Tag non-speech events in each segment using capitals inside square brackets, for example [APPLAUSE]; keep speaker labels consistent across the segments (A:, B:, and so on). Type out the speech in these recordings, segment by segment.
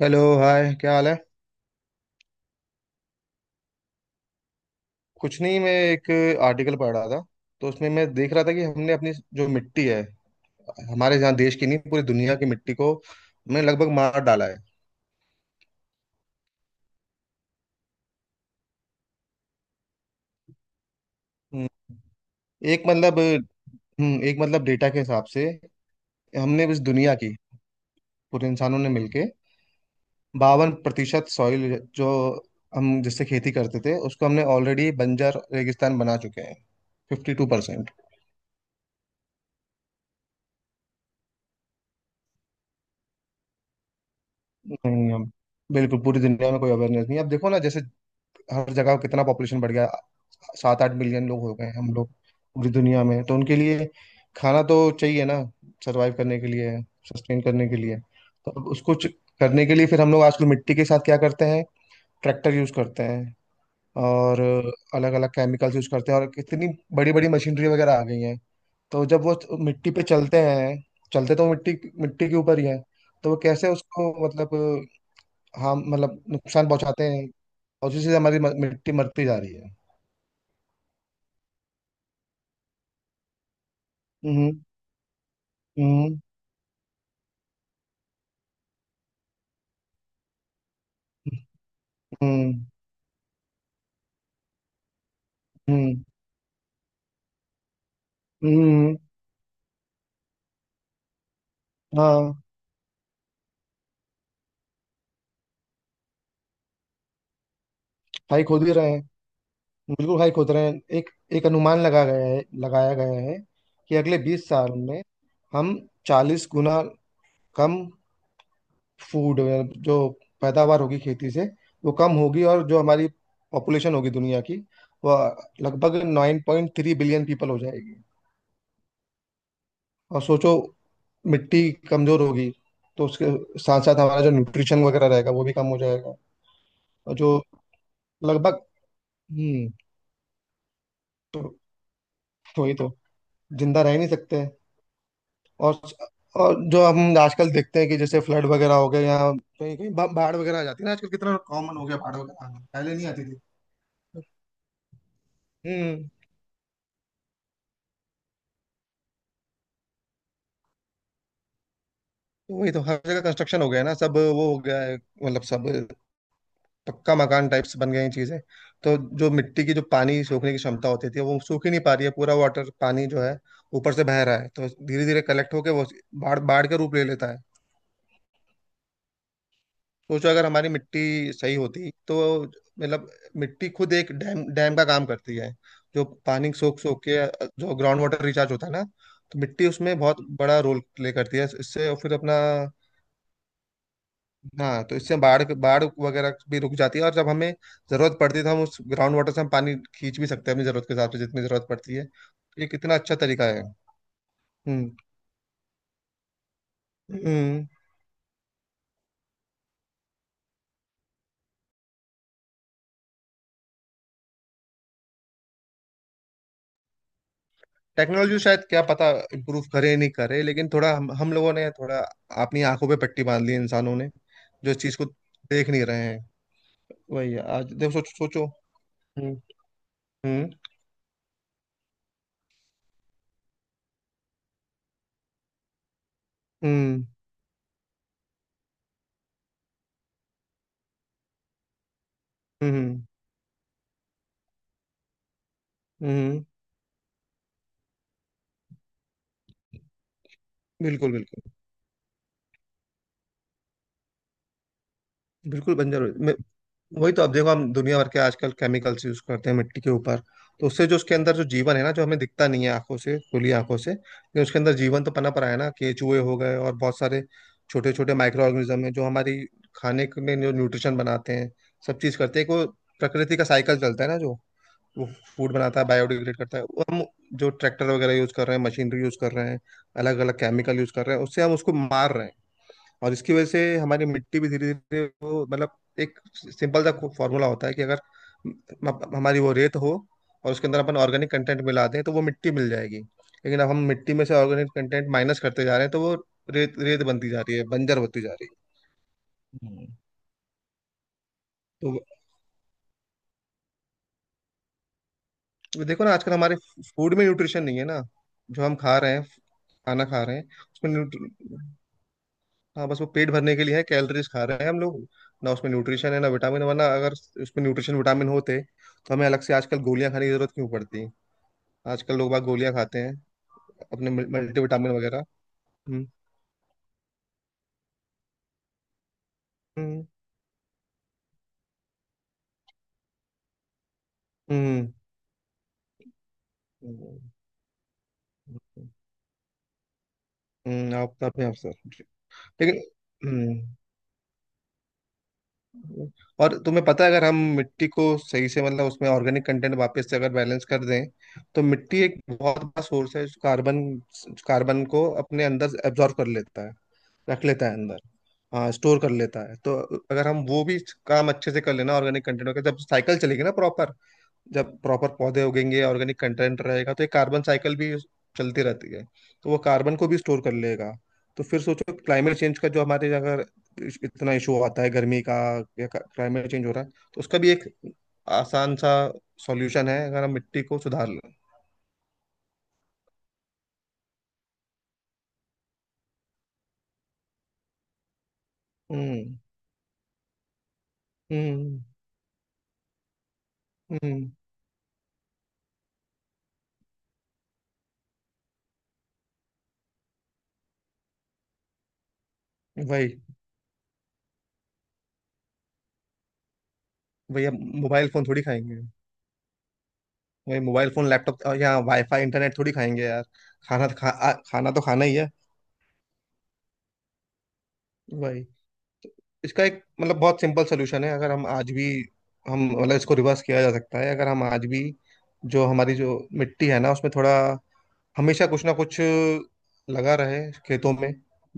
A: Hello, hi, क्या हाल है। कुछ नहीं, मैं एक आर्टिकल पढ़ रहा था। तो उसमें मैं देख रहा था कि हमने अपनी जो मिट्टी है हमारे यहाँ, देश की नहीं पूरी दुनिया की मिट्टी को हमने लगभग मार डाला है। हम्म, एक मतलब एक मतलब, डेटा के हिसाब से हमने इस दुनिया की, पूरे इंसानों ने मिलके, 52% सॉइल जो हम जिससे खेती करते थे उसको हमने ऑलरेडी बंजर रेगिस्तान बना चुके हैं। 52%। नहीं, हम बिल्कुल पूरी दुनिया में कोई अवेयरनेस नहीं है। अब देखो ना, जैसे हर जगह कितना पॉपुलेशन बढ़ गया। 7-8 मिलियन लोग हो गए हम लोग पूरी दुनिया में। तो उनके लिए खाना तो चाहिए ना, सरवाइव करने के लिए, सस्टेन करने के लिए। तो अब उसको करने के लिए फिर हम लोग आजकल मिट्टी के साथ क्या करते हैं। ट्रैक्टर यूज करते हैं, और अलग अलग केमिकल्स यूज करते हैं, और कितनी बड़ी बड़ी मशीनरी वगैरह आ गई हैं। तो जब वो मिट्टी पे चलते हैं, चलते तो वो मिट्टी मिट्टी के ऊपर ही है। तो वो कैसे उसको, मतलब हम, मतलब नुकसान पहुंचाते हैं। और उसी से हमारी मिट्टी मरती जा रही है। हम्म। हम्म। हम्म। हम्म। हम्म। हाँ, हाई खोद ही रहे हैं, बिल्कुल हाई खोद रहे हैं। एक एक अनुमान लगाया गया है कि अगले 20 साल में हम 40 गुना कम फूड जो पैदावार होगी खेती से वो कम होगी, और जो हमारी पॉपुलेशन होगी दुनिया की वो लगभग 9.3 बिलियन पीपल हो जाएगी। और सोचो मिट्टी कमजोर होगी तो उसके साथ साथ हमारा जो न्यूट्रिशन वगैरह रहेगा वो भी कम हो जाएगा। और जो लगभग हम्म तो तो वही तो जिंदा रह नहीं सकते। और और जो हम आजकल देखते हैं कि जैसे फ्लड वगैरह हो गए या कहीं कहीं बाढ़ वगैरह आ जाती है ना, आजकल कितना कॉमन हो गया बाढ़ वगैरह आना। पहले नहीं आती थी। हम्म। तो वही तो, हर जगह कंस्ट्रक्शन हो गया है ना, सब वो हो गया है, मतलब सब पक्का मकान टाइप्स बन गए हैं चीजें। तो जो मिट्टी की, जो पानी सोखने की क्षमता होती थी, वो सूख ही नहीं पा रही है, पूरा वाटर पानी जो है ऊपर से बह रहा है, तो धीरे धीरे कलेक्ट होके वो बाढ़ बाढ़ का रूप ले लेता है। सोचो अगर हमारी मिट्टी सही होती तो, मतलब मिट्टी खुद एक डैम डैम का काम करती है, जो पानी सोख सोख के जो ग्राउंड वाटर रिचार्ज होता है ना, तो मिट्टी उसमें बहुत बड़ा रोल प्ले करती है इससे। और फिर अपना, हाँ, तो इससे बाढ़ बाढ़ वगैरह भी रुक जाती है। और जब हमें जरूरत पड़ती है तो हम उस ग्राउंड वाटर से हम पानी खींच भी सकते हैं अपनी जरूरत के हिसाब से, जितनी जरूरत पड़ती है। ये कितना अच्छा तरीका है। हम्म। हम्म। टेक्नोलॉजी शायद क्या पता इम्प्रूव करे या नहीं करे, लेकिन थोड़ा हम लोगों ने थोड़ा अपनी आंखों पे पट्टी बांध ली है इंसानों ने, जो इस चीज को देख नहीं रहे हैं। वही है आज, देखो, सोचो सोचो। हम्म। हम्म। हम्म। हम्म। हम्म। बिल्कुल, बिल्कुल। बिल्कुल बंजर हो वही तो, अब देखो हम दुनिया भर के आजकल केमिकल्स यूज करते हैं मिट्टी के ऊपर, तो उससे जो उसके अंदर जो जीवन है ना, जो हमें दिखता नहीं है आंखों से, खुली आंखों से, लेकिन उसके अंदर जीवन तो पनप रहा है ना, केचुए हो गए और बहुत सारे छोटे छोटे माइक्रो ऑर्गेनिज्म है जो हमारी खाने के में जो न्यूट्रिशन बनाते हैं, सब चीज करते हैं को, प्रकृति का साइकिल चलता है ना, जो वो फूड बनाता है, बायोडिग्रेड करता है, वो हम जो ट्रैक्टर वगैरह यूज कर रहे हैं, मशीनरी यूज कर रहे हैं, अलग अलग केमिकल यूज कर रहे हैं, उससे हम उसको मार रहे हैं। और इसकी वजह से हमारी मिट्टी भी धीरे धीरे वो, मतलब, एक सिंपल सा फॉर्मूला होता है, कि अगर हमारी वो रेत हो और उसके अंदर अपन ऑर्गेनिक कंटेंट मिला दें तो वो मिट्टी मिल जाएगी, लेकिन अब हम मिट्टी में से ऑर्गेनिक कंटेंट माइनस करते जा रहे हैं तो वो रेत रेत बनती जा रही है, बंजर होती जा रही है। हम्म। तो देखो ना, आजकल हमारे फूड में न्यूट्रिशन नहीं है ना, जो हम खा रहे हैं, खाना खा रहे हैं उसमें, हाँ, बस वो पेट भरने के लिए है, कैलोरीज खा रहे हैं हम लोग, ना उसमें न्यूट्रिशन है ना विटामिन, वरना अगर उसमें न्यूट्रिशन विटामिन होते तो हमें अलग से आजकल गोलियां खाने की जरूरत क्यों पड़ती। आजकल लोग बाग गोलियां खाते हैं, अपने मल्टी विटामिन वगैरह। हम्म। हम्म। हम्म। हम्म। हम्म। हम्म। आप हैं, आप सर। लेकिन हम्म और तुम्हें पता है अगर हम मिट्टी को सही से, मतलब उसमें ऑर्गेनिक कंटेंट वापस से अगर बैलेंस कर दें तो मिट्टी एक बहुत बड़ा सोर्स है, जो कार्बन कार्बन को अपने अंदर एब्जॉर्ब कर लेता है, रख लेता है अंदर, हाँ, स्टोर कर लेता है। तो अगर हम वो भी काम अच्छे से कर लेना ऑर्गेनिक कंटेंट का, जब साइकिल चलेगी ना प्रॉपर, जब प्रॉपर पौधे उगेंगे, ऑर्गेनिक कंटेंट रहेगा, तो एक कार्बन साइकिल भी चलती रहती है, तो वो कार्बन को भी स्टोर कर लेगा। तो फिर सोचो, क्लाइमेट चेंज का जो हमारे, अगर इतना इशू आता है गर्मी का, या क्लाइमेट चेंज हो रहा है, तो उसका भी एक आसान सा सॉल्यूशन है, अगर हम मिट्टी को सुधार लें। हम्म। हम्म। हम्म। वही, वही। अब मोबाइल फोन थोड़ी खाएंगे। वही, मोबाइल फोन, लैपटॉप या वाईफाई इंटरनेट थोड़ी खाएंगे यार। खाना तो खाना तो खाना ही है। वही। इसका एक मतलब बहुत सिंपल सोल्यूशन है अगर हम आज भी, हम मतलब इसको रिवर्स किया जा सकता है, अगर हम आज भी जो हमारी जो मिट्टी है ना उसमें थोड़ा हमेशा कुछ ना कुछ लगा रहे खेतों में,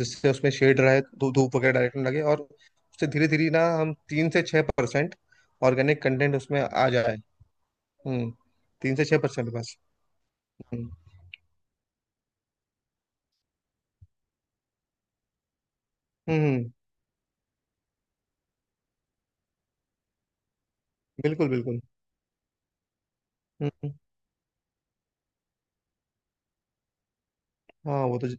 A: जिससे उसमें शेड रहे, धूप वगैरह डायरेक्ट ना लगे, और उससे धीरे धीरे ना हम 3 से 6% ऑर्गेनिक कंटेंट उसमें आ जाए। हम्म। 3 से 6% बस। हम्म। हम्म। बिल्कुल, बिल्कुल। हम्म। हाँ, वो तो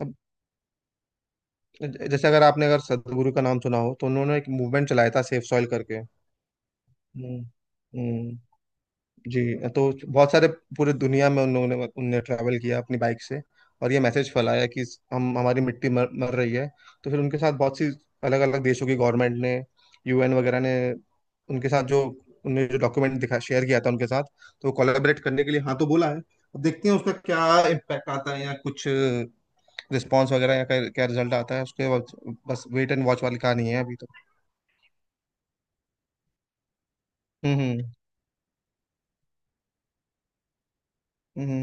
A: अब जैसे अगर आपने, अगर सदगुरु का नाम सुना हो तो उन्होंने एक मूवमेंट चलाया था, सेफ सॉइल करके। हम्म। हम्म। जी, तो बहुत सारे पूरे दुनिया में उन लोगों ने, उनने ट्रैवल किया अपनी बाइक से और ये मैसेज फैलाया कि हम हमारी मिट्टी मर रही है। तो फिर उनके साथ बहुत सी अलग अलग देशों की गवर्नमेंट ने, यूएन वगैरह ने, उनके साथ जो उनने जो डॉक्यूमेंट दिखा शेयर किया था उनके साथ, तो कोलैबोरेट करने के लिए, हाँ तो बोला है। अब देखते हैं उसका क्या इम्पैक्ट आता है, या कुछ रिस्पॉन्स वगैरह, या क्या रिजल्ट आता है उसके बाद। बस वेट एंड वॉच वाली कहानी है अभी तो। हम्म। हम्म। हम्म।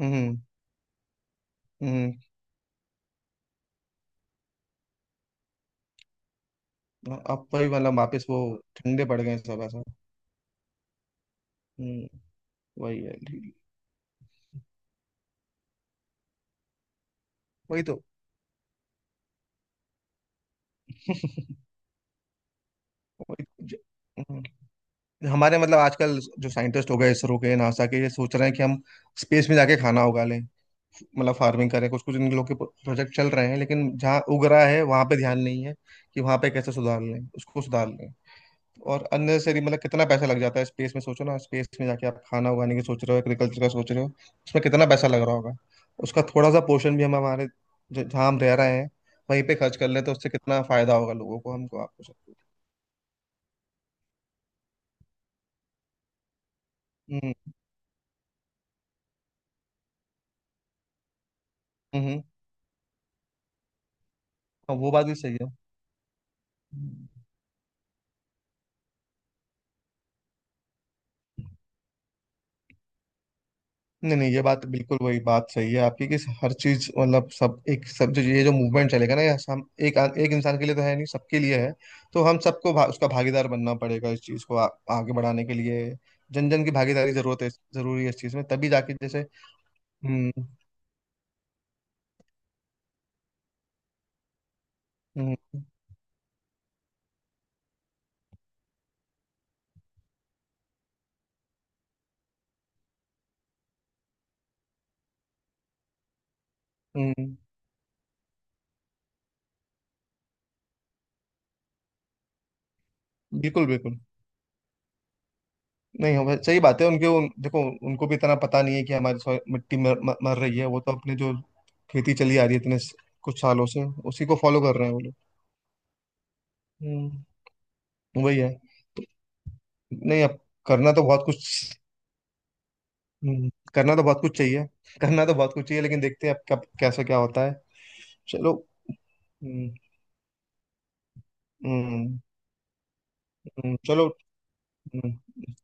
A: हम्म। हम्म। हम्म। अब वही, मतलब वापस वो ठंडे पड़ गए हैं सब, ऐसा। हम्म। वही है ठीक। वही तो [LAUGHS] वही तो, हम्म, हमारे मतलब आजकल जो साइंटिस्ट हो गए, इसरो के, नासा के, ये सोच रहे हैं कि हम स्पेस में जाके खाना उगा लें, मतलब फार्मिंग करें। कुछ कुछ इन लोग के प्रोजेक्ट चल रहे हैं, लेकिन जहाँ उग रहा है वहां पे ध्यान नहीं है, कि वहां पे कैसे सुधार लें उसको, सुधार लें। और अननेसेसरी, मतलब कितना पैसा लग जाता है स्पेस में, सोचो ना, स्पेस में जाके आप खाना उगाने की सोच रहे हो, एग्रीकल्चर का सोच रहे हो, उसमें कितना पैसा लग रहा होगा। उसका थोड़ा सा पोर्शन भी हम हमारे जहाँ हम रह रहे हैं, वहीं पे खर्च कर लें तो उससे कितना फायदा होगा लोगों को, हमको, आपको, सबको। हम्म। हम्म। हम्म। हाँ, वो बात भी सही है। नहीं नहीं, ये बात बिल्कुल, वही बात सही है आपकी, कि हर चीज मतलब, सब, एक सब जो ये जो मूवमेंट चलेगा ना, ये हम एक एक इंसान के लिए तो है नहीं, सबके लिए है। तो हम सबको उसका भागीदार बनना पड़ेगा, इस चीज को आगे बढ़ाने के लिए। जन जन की भागीदारी, जरूरत है, जरूरी है इस चीज में, तभी जाके जैसे। हम्म। हम्म। हम्म। बिल्कुल, बिल्कुल। नहीं, हम सही बात है, उनके देखो, उनको भी इतना पता नहीं है कि हमारी मिट्टी मर, मर मर रही है, वो तो अपने जो खेती चली आ रही है इतने कुछ सालों से उसी को फॉलो कर रहे हैं वो लोग। हम्म। वही है। नहीं, अब करना तो बहुत कुछ, करना तो बहुत कुछ चाहिए। करना तो बहुत कुछ चाहिए, लेकिन देखते हैं अब कब कैसा क्या होता है। चलो। हम्म। हम्म। हम्म। चलो। हम्म।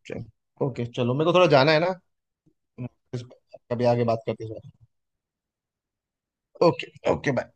A: चल। ओके, चलो, मेरे को थोड़ा जाना है ना। हम्म। इस- कभी आगे बात करते हैं। ओके। Okay, bye.